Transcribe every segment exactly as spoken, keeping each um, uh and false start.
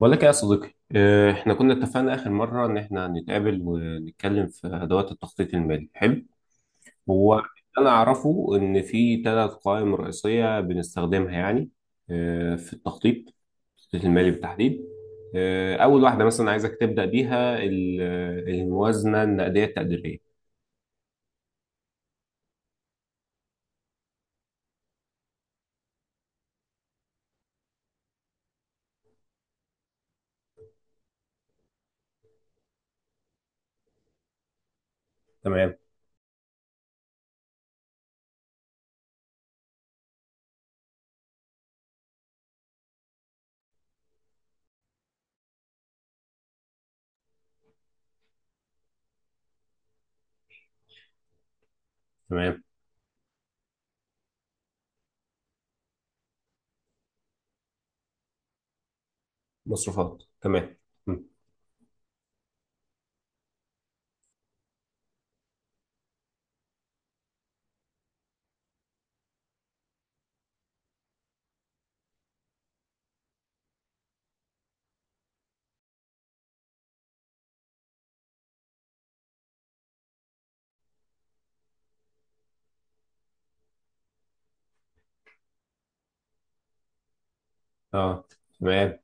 بقول لك إيه يا صديقي آه، احنا كنا اتفقنا اخر مره ان احنا هنتقابل ونتكلم في ادوات التخطيط المالي. حلو. هو انا اعرفه ان في ثلاث قوائم رئيسيه بنستخدمها يعني آه، في التخطيط. التخطيط المالي بالتحديد. آه، اول واحده مثلا عايزك تبدا بيها ال- الموازنه النقديه التقديريه. تمام. تمام. مصروفات تمام. م. اه. تمام.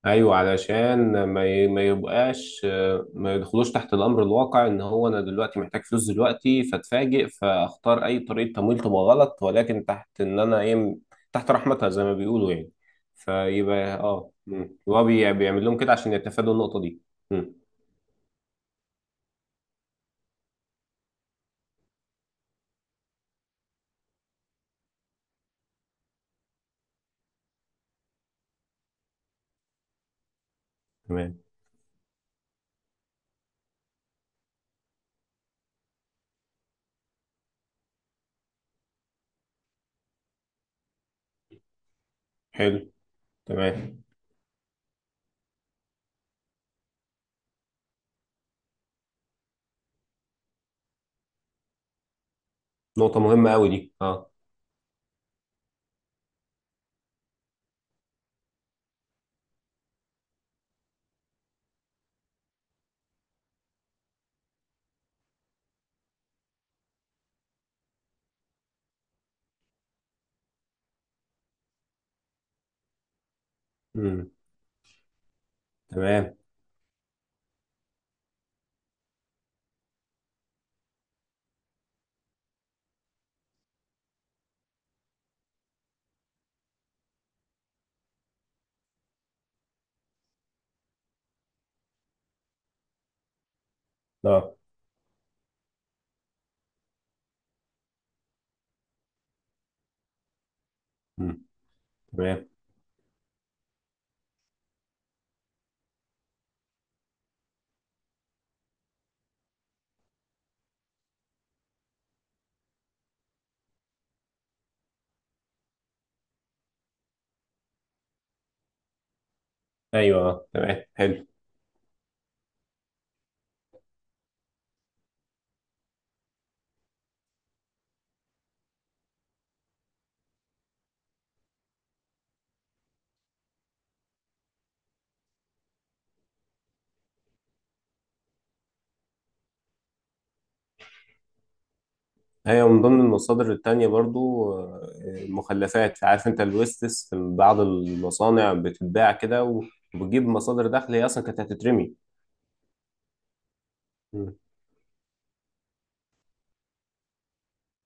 ايوه علشان ما ي- ما يبقاش، آه، ما يدخلوش تحت الامر الواقع ان هو انا دلوقتي محتاج فلوس دلوقتي فاتفاجئ فاختار اي طريقه تمويل تبقى غلط، ولكن تحت ان انا ايه م- تحت رحمتها زي ما بيقولوا يعني. فيبقى اه، مم. هو بي- بيعمل لهم كده عشان يتفادوا النقطه دي. مم. تمام. حلو. تمام. نقطه مهمه قوي دي اه. مم. تمام. اه. مم. تمام. ايوه آه. تمام. حلو. هي من ضمن المصادر التانية برضو، آه، المخلفات عارف انت الويستس في بعض المصانع بتتباع كده و- وبتجيب مصادر دخل هي اصلا كانت هتترمي. مم.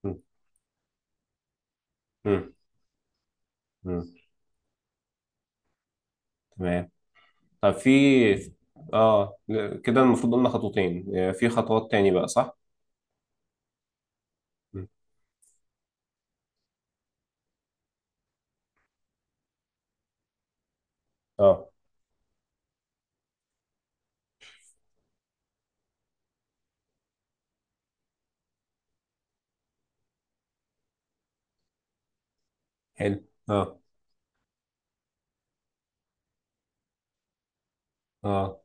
مم. مم. مم. تمام. طب في، اه، كده المفروض قلنا خطوتين، آه، في خطوات تاني بقى صح؟ مم. اه. حلو. اه. اه.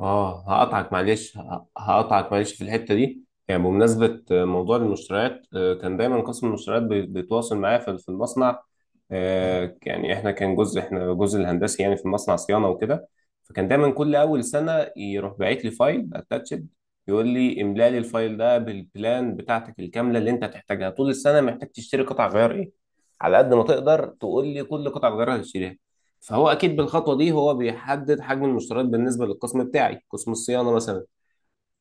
اه هقطعك معلش، ه- هقطعك معلش في الحته دي يعني بمناسبه موضوع المشتريات، آه، كان دايما قسم المشتريات بي- بيتواصل معايا في في المصنع، آه، يعني احنا كان جزء، احنا جزء الهندسي يعني في المصنع صيانه وكده. فكان دايما كل اول سنه يروح باعت لي فايل اتاتشد يقول لي املا لي الفايل ده بالبلان بتاعتك الكامله اللي انت هتحتاجها طول السنه. محتاج تشتري قطع غيار ايه؟ على قد ما تقدر تقول لي كل قطع غيار هتشتريها. فهو اكيد بالخطوه دي هو بيحدد حجم المشتريات بالنسبه للقسم بتاعي قسم الصيانه مثلا.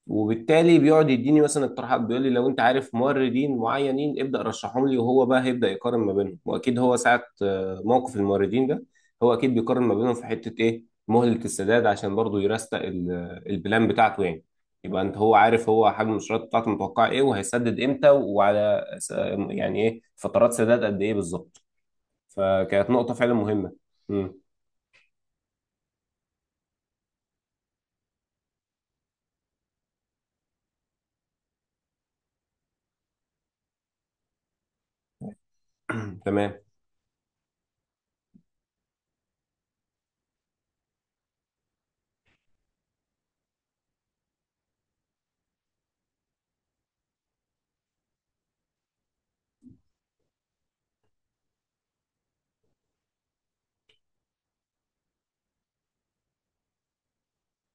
وبالتالي بيقعد يديني مثلا اقتراحات بيقول لي لو انت عارف موردين معينين ابدا رشحهم لي، وهو بقى هيبدا يقارن ما بينهم. واكيد هو ساعه آه، موقف الموردين ده هو اكيد بيقارن ما بينهم في حته ايه مهله السداد عشان برضه يرستق ال- البلان بتاعته يعني. يبقى انت، هو عارف هو حجم المشتريات بتاعته متوقع ايه وهيسدد امتى وعلى س- يعني ايه فترات سداد قد ايه بالظبط. فكانت نقطه فعلا مهمه. امم. تمام.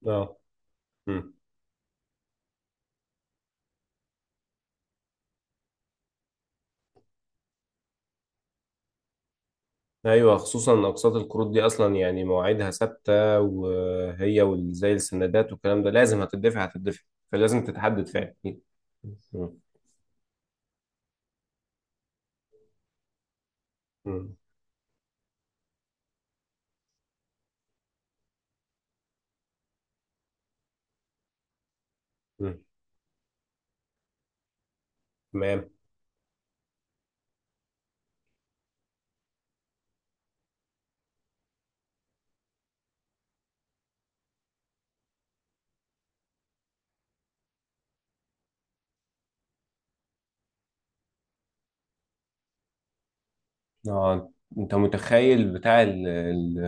اه. مم. ايوه خصوصا ان اقساط القروض دي اصلا يعني مواعيدها ثابته، وهي وال- زي السندات والكلام ده لازم هتدفع هتدفع. فلازم تتحدد فعلا. مم. مم. مم. تمام. اه. انت متخيل بتاع ال ال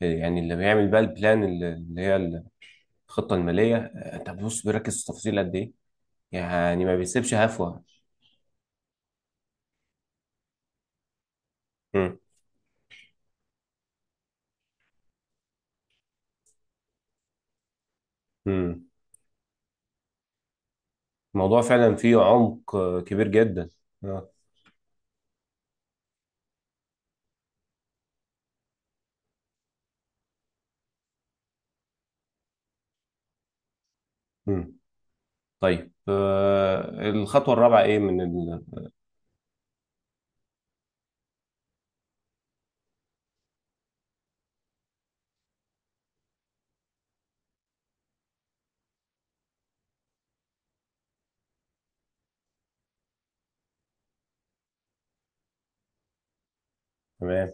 يعني اللي بيعمل بقى البلان ال- اللي هي الخطه الماليه، آه، طب بص بيركز في التفاصيل قد ايه؟ يعني ما بيسيبش هفوه. مم. مم. الموضوع فعلا فيه عمق آه، كبير جدا. اه. مم. طيب آه، الخطوة الرابعة ايه من ال... تمام.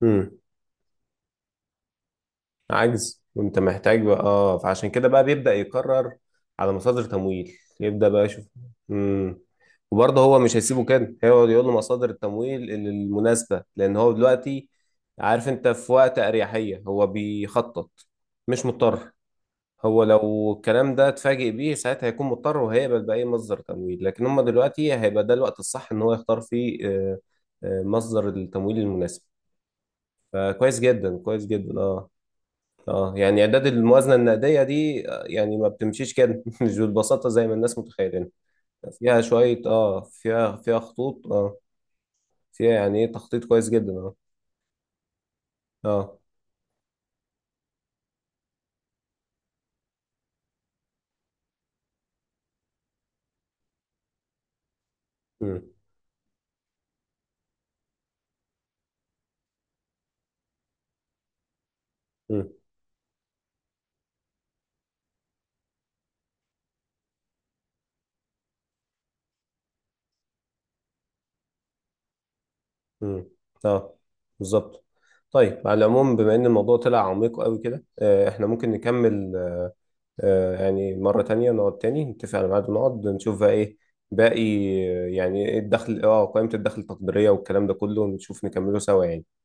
مم. عجز وانت محتاج بقى. اه فعشان كده بقى بيبدأ يقرر على مصادر تمويل يبدأ بقى يشوف. مم. وبرضه هو مش هيسيبه كده، هيقعد يقول له مصادر التمويل المناسبة، لأن هو دلوقتي عارف انت في وقت أريحية هو بيخطط. مش مضطر. هو لو الكلام ده اتفاجئ بيه ساعتها هيكون مضطر وهيقبل بأي مصدر تمويل، لكن هم دلوقتي هيبقى ده الوقت الصح ان هو يختار فيه آه، آه، مصدر التمويل المناسب. فكويس جدا، كويس جدا. اه. اه يعني اعداد الموازنة النقدية دي، آه، يعني ما بتمشيش كده مش بالبساطة زي ما الناس متخيلين. فيها شوية، اه، فيها فيها خطوط، اه، فيها يعني ايه تخطيط كويس جدا. اه. اه. مم. مم. امم. اه. بالظبط. طيب على العموم بما ان الموضوع طلع عميق قوي كده، آه، احنا ممكن نكمل آه، يعني مرة تانية. نقعد تاني نتفق على ميعاد ونقعد نشوف بقى ايه باقي. آه، يعني ايه الدخل، اه قائمة الدخل التقديرية والكلام ده كله، ونشوف نكمله سوا يعني.